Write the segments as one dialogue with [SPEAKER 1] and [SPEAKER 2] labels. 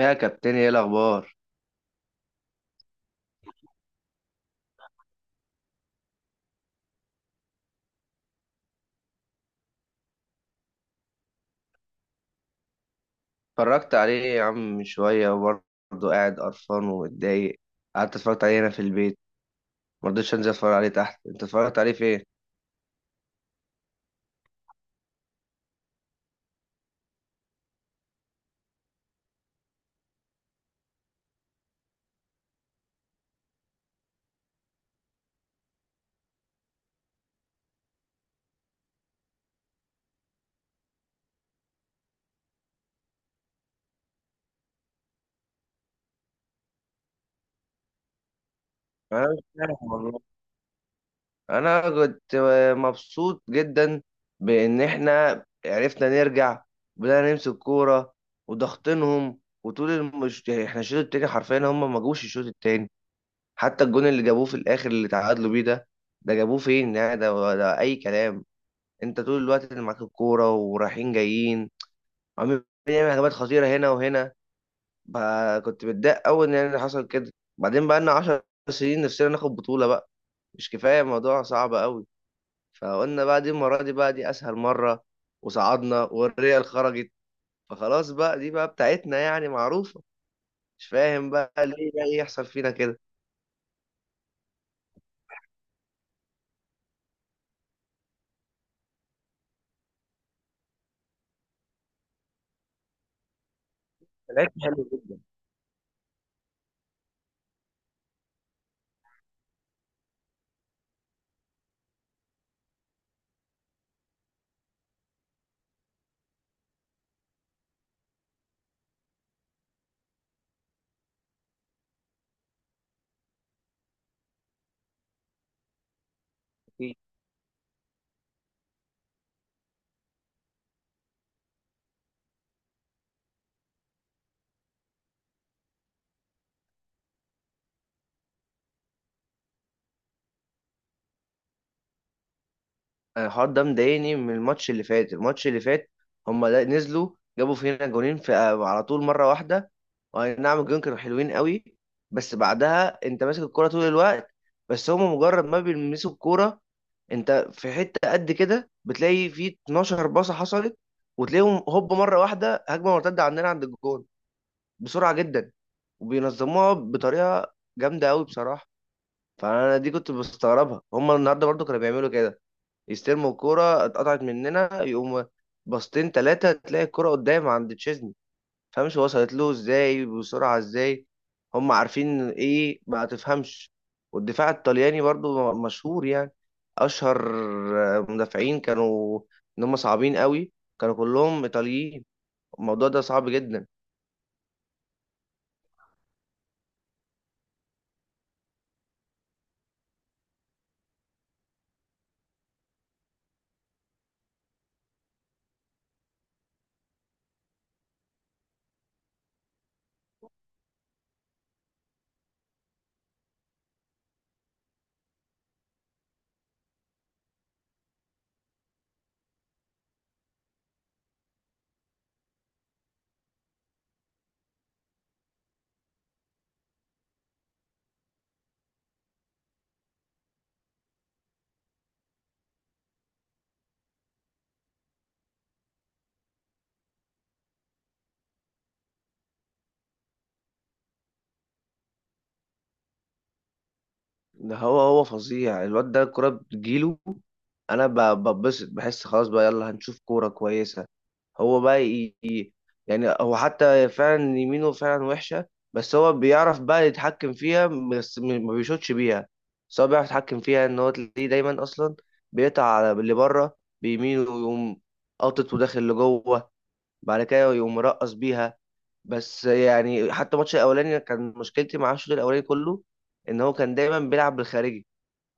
[SPEAKER 1] يا كابتن، ايه الاخبار؟ اتفرجت عليه يا عم من شويه وبرضه قاعد قرفان ومتضايق. قعدت اتفرجت عليه هنا في البيت، ما رضيتش انزل اتفرج عليه تحت. انت اتفرجت عليه فين؟ انا مش فاهم والله. انا كنت مبسوط جدا بان احنا عرفنا نرجع وبدأنا نمسك كوره وضغطنهم وطول احنا الشوط التاني حرفيا هم ما جوش الشوط التاني. حتى الجون اللي جابوه في الاخر اللي تعادلوا بيه ده، ده جابوه فين يعني؟ ده اي كلام. انت طول الوقت اللي معاك الكوره ورايحين جايين عمال بنعمل هجمات خطيره هنا وهنا. بقى كنت متضايق قوي ان اللي حصل كده. بعدين بقى لنا 10 سنين نفسنا ناخد بطوله بقى، مش كفايه الموضوع صعب قوي؟ فقلنا بقى دي المره، دي بقى دي اسهل مره، وصعدنا والريال خرجت، فخلاص بقى دي بقى بتاعتنا يعني معروفه. مش فاهم بقى ليه بقى يحصل فينا كده. لعبت حلو جدا. الحوار ده مضايقني من الماتش اللي فات. الماتش اللي فات هم نزلوا، جابوا فينا جونين في على طول مرة واحدة. واي نعم الجون كانوا حلوين قوي، بس بعدها انت ماسك الكرة طول الوقت، بس هم مجرد ما بيلمسوا الكرة انت في حتة قد كده بتلاقي في 12 باصة حصلت، وتلاقيهم هوب مرة واحدة هجمة مرتدة عندنا عند الجون، بسرعة جدا. وبينظموها بطريقة جامدة قوي بصراحة. فانا دي كنت بستغربها، هم النهارده برضو كانوا بيعملوا كده، يستلموا الكوره اتقطعت مننا، يقوم باصتين ثلاثه تلاقي الكوره قدام عند تشيزني. فمش وصلت له ازاي بسرعه؟ ازاي هم عارفين؟ ايه ما تفهمش. والدفاع الطلياني برضو مشهور، يعني اشهر مدافعين كانوا ان هم صعبين قوي، كانوا كلهم ايطاليين. الموضوع ده صعب جدا. ده هو فظيع الواد ده، الكرة بتجيله. انا ببسط بحس خلاص بقى يلا هنشوف كوره كويسه. هو بقى يعني هو حتى فعلا يمينه فعلا وحشه، بس هو بيعرف بقى يتحكم فيها، بس ما بيشوطش بيها، بس هو بيعرف يتحكم فيها. ان هو تلاقيه دايما اصلا بيقطع على اللي بره بيمينه، ويقوم قاطط وداخل لجوه، بعد كده يقوم مرقص بيها. بس يعني حتى الماتش الاولاني كان مشكلتي مع الشوط الاولاني كله ان هو كان دايما بيلعب بالخارجي.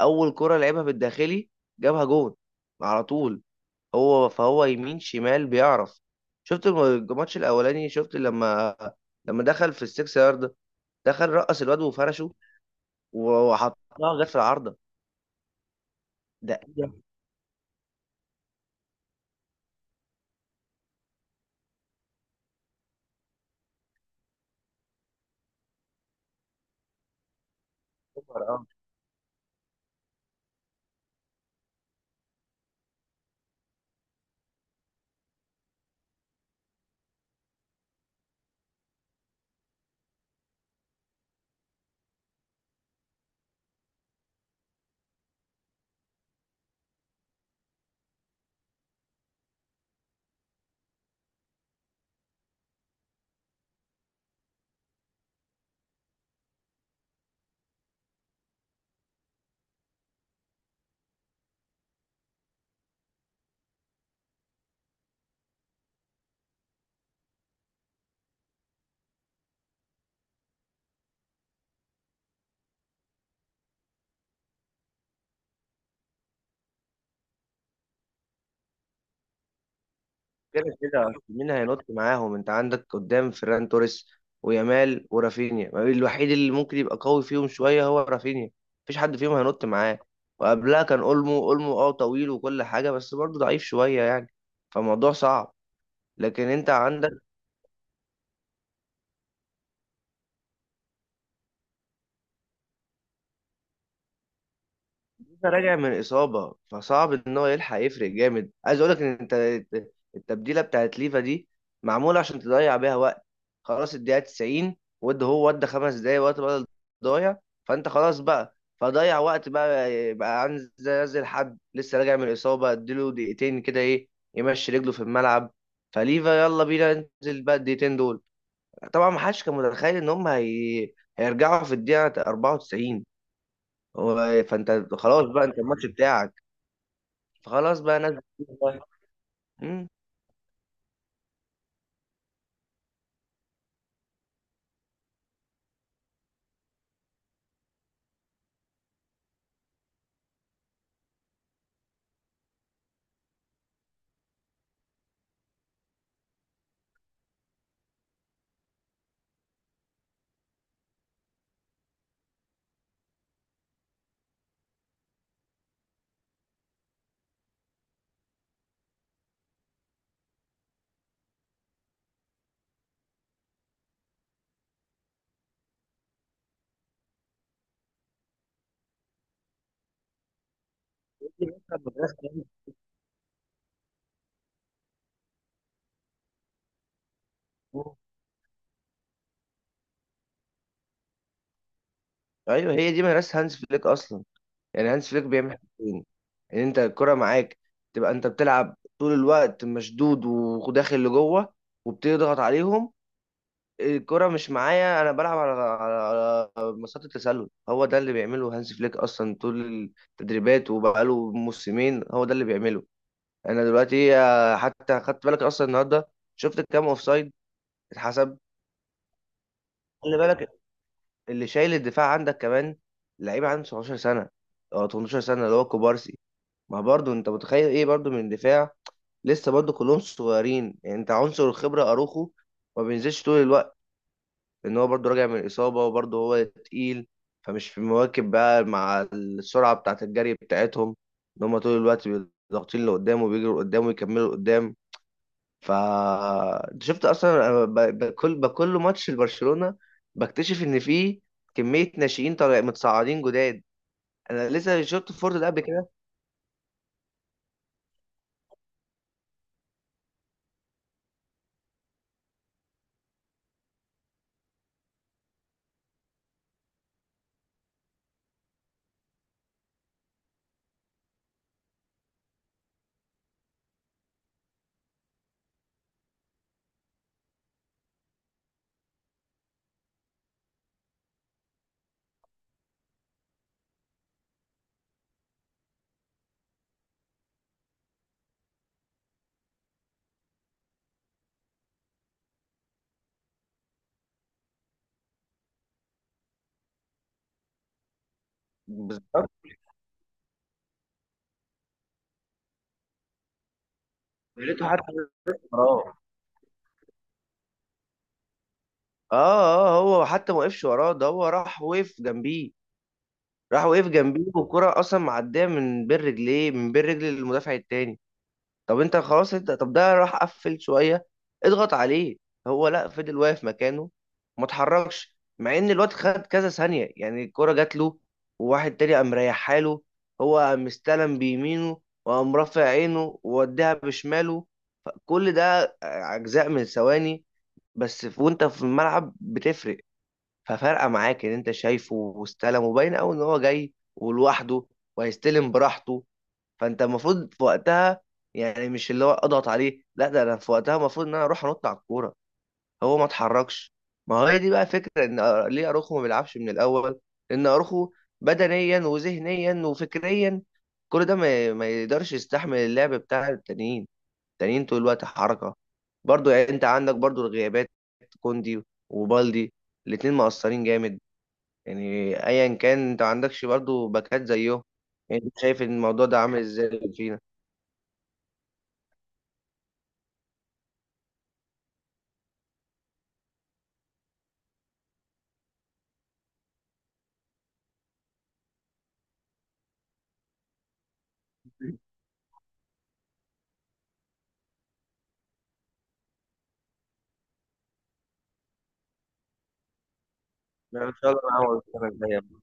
[SPEAKER 1] اول كرة لعبها بالداخلي جابها جون على طول. هو فهو يمين شمال بيعرف. شفت الماتش الاولاني؟ شفت لما لما دخل في السكس يارد، دخل رقص الواد وفرشه وحطها جت في العارضة؟ ده كده أصل مين هينط معاهم؟ انت عندك قدام فيران توريس ويامال ورافينيا، ما الوحيد اللي ممكن يبقى قوي فيهم شويه هو رافينيا، مفيش حد فيهم هينط معاه. وقبلها كان اولمو اه طويل وكل حاجه بس برضه ضعيف شويه يعني. فالموضوع صعب، لكن انت عندك راجع من إصابة، فصعب إن هو يلحق يفرق جامد. عايز أقولك إن أنت التبديلة بتاعت ليفا دي معمولة عشان تضيع بيها وقت، خلاص الدقيقة 90 ود هو ودى 5 دقايق وقت بدل ضايع، فأنت خلاص بقى فضيع وقت بقى، بقى عايز ينزل حد لسه راجع من الإصابة، أديله دقيقتين كده إيه يمشي رجله في الملعب؟ فليفا يلا بينا ننزل بقى الدقيقتين دول. طبعا ما حدش كان متخيل إن هم هيرجعوا في الدقيقة 94. فأنت خلاص بقى أنت الماتش بتاعك خلاص بقى ناس كتير بقى. مم. دي مثلا مدرسة هانز فليك. ايوه هي دي مدرسة هانز فليك اصلا. يعني هانز فليك بيعمل حاجتين: ان انت الكرة معاك تبقى انت بتلعب طول الوقت مشدود وداخل لجوه وبتضغط عليهم، الكرة مش معايا انا بلعب على على مسات التسلل. هو ده اللي بيعمله هانز فليك اصلا طول التدريبات، وبقاله موسمين هو ده اللي بيعمله. انا دلوقتي حتى خدت بالك اصلا النهارده شفت كام اوفسايد اتحسب؟ خلي بالك اللي شايل الدفاع عندك كمان لعيب عنده 17 سنه او 18 سنه اللي هو كوبارسي. ما برضه انت متخيل ايه برضه من الدفاع؟ لسه برضه كلهم صغيرين يعني. انت عنصر الخبره اروخو ما بينزلش طول الوقت، ان هو برضه راجع من اصابه وبرضه هو تقيل، فمش في مواكب بقى مع السرعه بتاعه الجري بتاعتهم، ان هم طول الوقت ضاغطين لقدام وبيجروا قدام ويكملوا قدام. ف أنت شفت اصلا، أنا بكل ماتش لبرشلونه بكتشف ان في كميه ناشئين طالع متصاعدين جداد. انا لسه شفت فورد ده قبل كده. بالظبط. يا ريته حتى وراه. اه. اه هو حتى ما وقفش وراه، ده هو راح وقف جنبيه. راح وقف جنبيه، والكرة اصلا معديه من بين رجليه، من بين رجل المدافع التاني. طب انت خلاص، انت طب ده راح قفل شويه اضغط عليه. هو لا فضل واقف مكانه، ما اتحركش، مع ان الواد خد كذا ثانيه يعني، الكره جات له وواحد تاني قام ريحها له، هو قام استلم بيمينه وقام رافع عينه ووديها بشماله. فكل ده اجزاء من ثواني، بس وانت في الملعب بتفرق، ففرقه معاك ان انت شايفه واستلم وباين قوي ان هو جاي ولوحده وهيستلم براحته، فانت المفروض في وقتها، يعني مش اللي هو اضغط عليه لا، ده انا في وقتها المفروض ان انا اروح انط على الكوره، هو ما اتحركش. ما هو هي دي بقى فكره ان ليه اروخو ما بيلعبش من الاول؟ لان اروخو بدنيا وذهنيا وفكريا كل ده ما يقدرش يستحمل اللعب بتاع التانيين، التانيين طول الوقت حركه. برضو يعني انت عندك برضو الغيابات، كوندي وبالدي الاتنين مقصرين جامد، يعني ايا كان انت ما عندكش برضو باكات زيهم. يعني أنت شايف الموضوع ده عامل ازاي فينا؟ لا، ان شاء الله انا هقعد السنه الجايه بإذن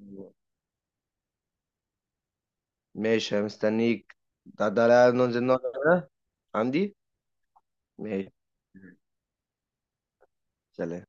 [SPEAKER 1] الله. ماشي، أنا مستنيك. ده ده لا ننزل نقعد هنا عندي. ماشي. سلام.